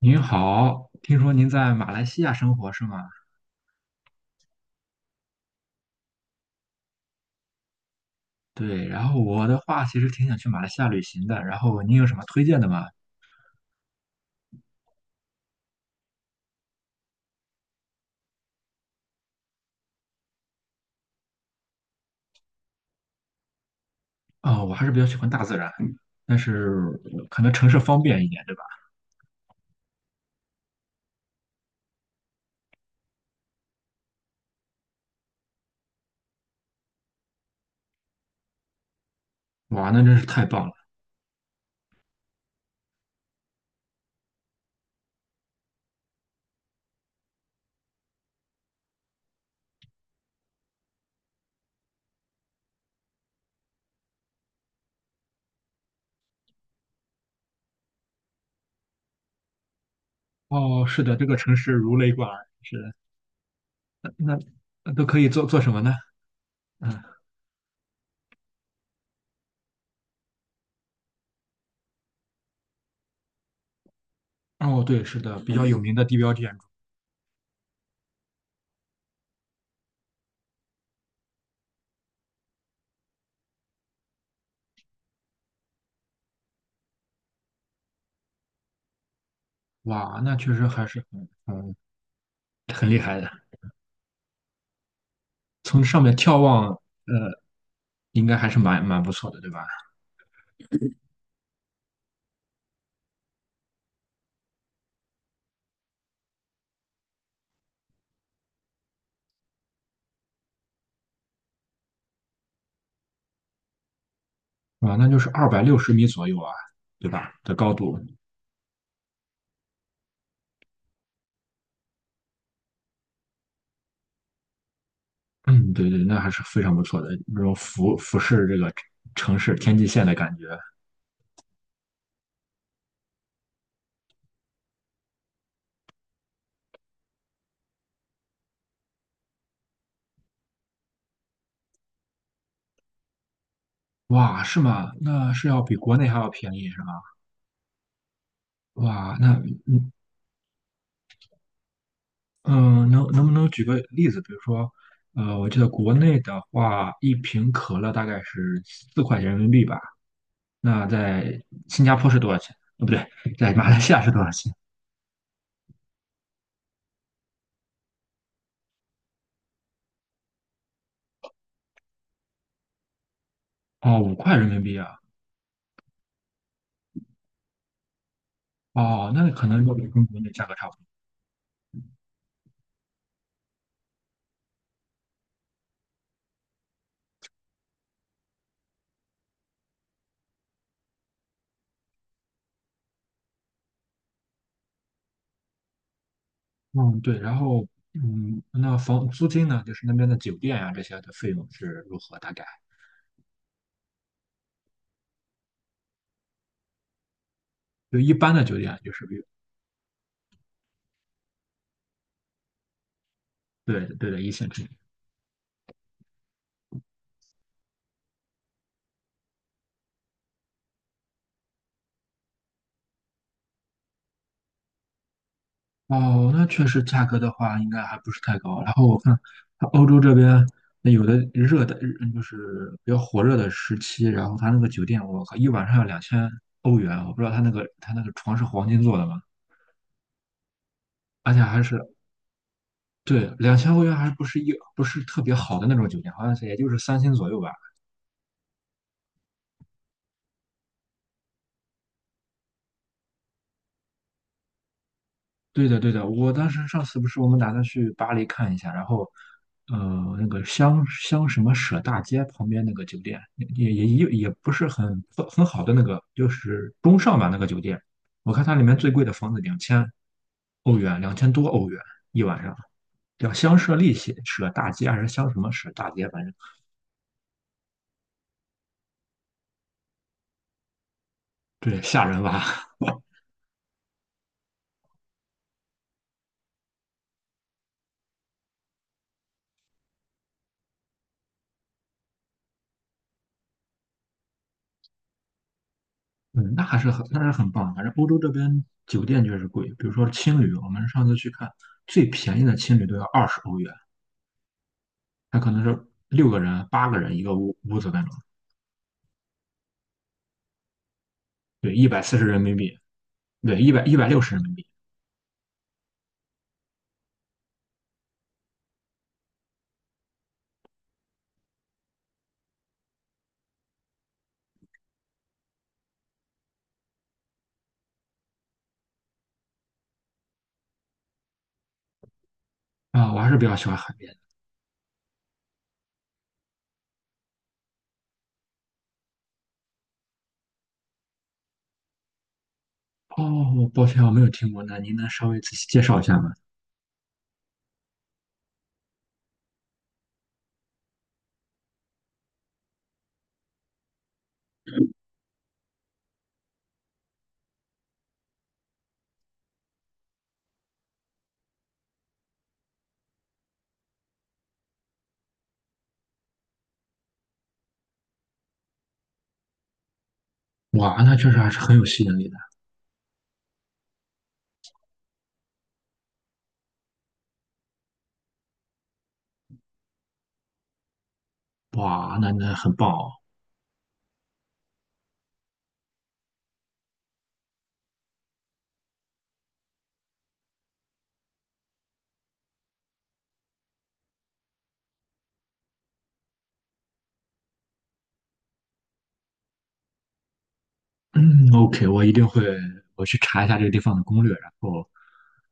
您好，听说您在马来西亚生活是吗？对，然后我的话其实挺想去马来西亚旅行的，然后您有什么推荐的吗？啊、我还是比较喜欢大自然，但是可能城市方便一点，对吧？哇，那真是太棒了！哦，是的，这个城市如雷贯耳，是的，那那都可以做什么呢？嗯，哦，对，是的，比较有名的地标建筑，哇，那确实还是很厉害的，从上面眺望，应该还是蛮不错的，对吧？啊，那就是260米左右啊，对吧？的高度，嗯，对对，那还是非常不错的，那种俯视这个城市天际线的感觉，哇，是吗？那是要比国内还要便宜是吗？哇，那嗯嗯，能不能举个例子？比如说，我记得国内的话，一瓶可乐大概是4块钱人民币吧，那在新加坡是多少钱？哦，不对，在马来西亚是多少钱？哦，五块人民币啊。哦，那可能要比跟国内价格差不多。嗯，对，然后那房租金呢，就是那边的酒店呀、这些的费用是如何？大概就一般的酒店啊，就是比对对的一线城市。哦，那确实价格的话，应该还不是太高。然后我看它欧洲这边那有的热带，就是比较火热的时期，然后它那个酒店，我靠，一晚上要两千欧元，我不知道它那个床是黄金做的吗？而且还是对两千欧元，还不是特别好的那种酒店，好像是也就是3星左右吧。对的，对的，我当时上次不是我们打算去巴黎看一下，然后，那个香什么舍大街旁边那个酒店，也不是很好的那个，就是中上吧那个酒店，我看它里面最贵的房子两千欧元，2000多欧元一晚上，叫香舍利舍大街还是香什么舍大街，反正对，吓人吧？嗯，那还是很棒的，反正欧洲这边酒店确实贵，比如说青旅，我们上次去看最便宜的青旅都要20欧元。它可能是六个人、八个人一个屋子那种，对，140人民币，对，一百六十人民币。啊，我还是比较喜欢海边的。哦，抱歉，我没有听过，那您能稍微仔细介绍一下吗？哇，那确实还是很有吸引力的。哇，那很棒哦。嗯，OK，我一定会，我去查一下这个地方的攻略，然后，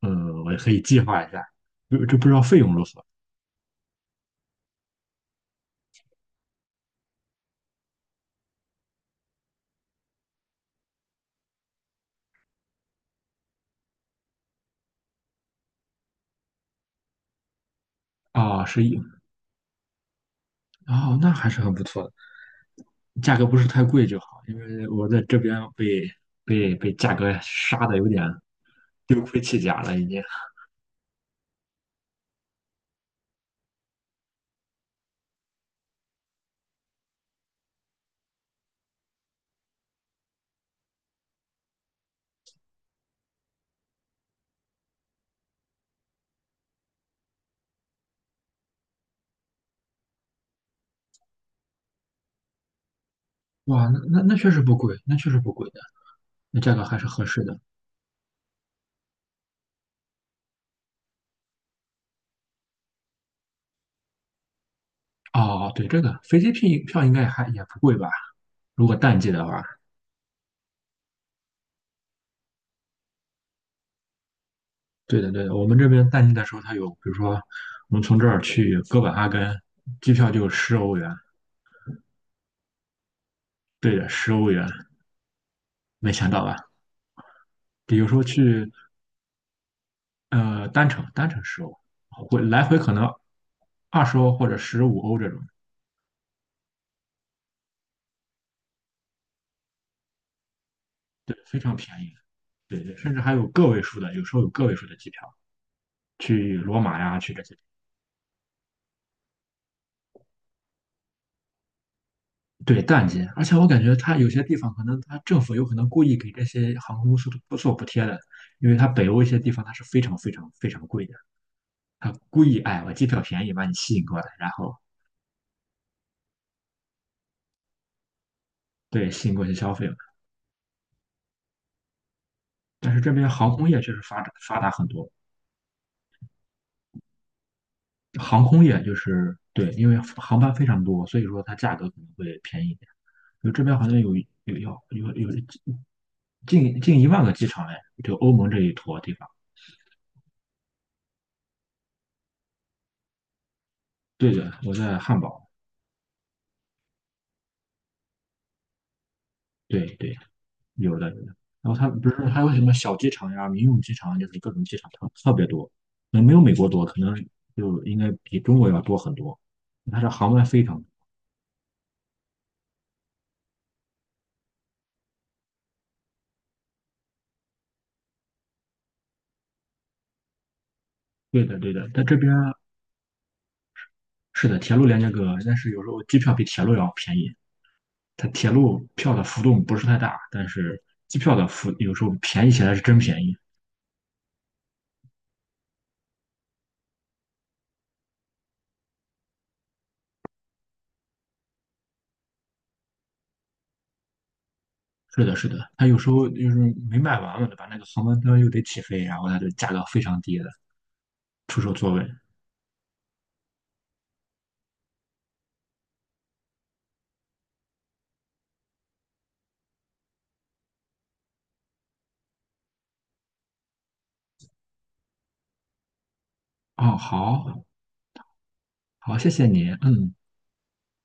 我也可以计划一下。就不知道费用如何啊？是哦，那还是很不错的。价格不是太贵就好，因为我在这边被价格杀的有点丢盔弃甲了，已经。哇，那确实不贵，那确实不贵的，那价格还是合适的。哦，对，这个飞机票应该还也不贵吧？如果淡季的话，对的对的，我们这边淡季的时候，它有，比如说我们从这儿去哥本哈根，机票就十欧元，对的，十欧元，没想到吧？比如说去单程十欧，回来可能二十欧或者15欧这种。对，非常便宜，对对，甚至还有个位数的，有时候有个位数的机票去罗马呀，去这些，对，淡季，而且我感觉它有些地方可能它政府有可能故意给这些航空公司不做补贴的，因为它北欧一些地方它是非常非常非常贵的，它故意哎我机票便宜把你吸引过来，然后对吸引过去消费了。但是这边航空业确实发展发达很多，航空业就是对，因为航班非常多，所以说它价格可能会便宜一点。就这边好像有有要有有近1万个机场哎，就欧盟这一坨地方。对的，我在汉堡。对对，有的有的。然后它不是还有什么小机场呀、民用机场啊，就是各种机场特别多，可能没有美国多，可能就应该比中国要多很多。它的航班非常多。对的对的，但这边是的，铁路连接各个，但是有时候机票比铁路要便宜。它铁路票的浮动不是太大，但是机票的浮有时候便宜起来是真便宜。是的，是的，他有时候就是没卖完嘛，对吧那个航班端又得起飞，然后他就价格非常低的出售座位。哦，好，好，谢谢你，嗯。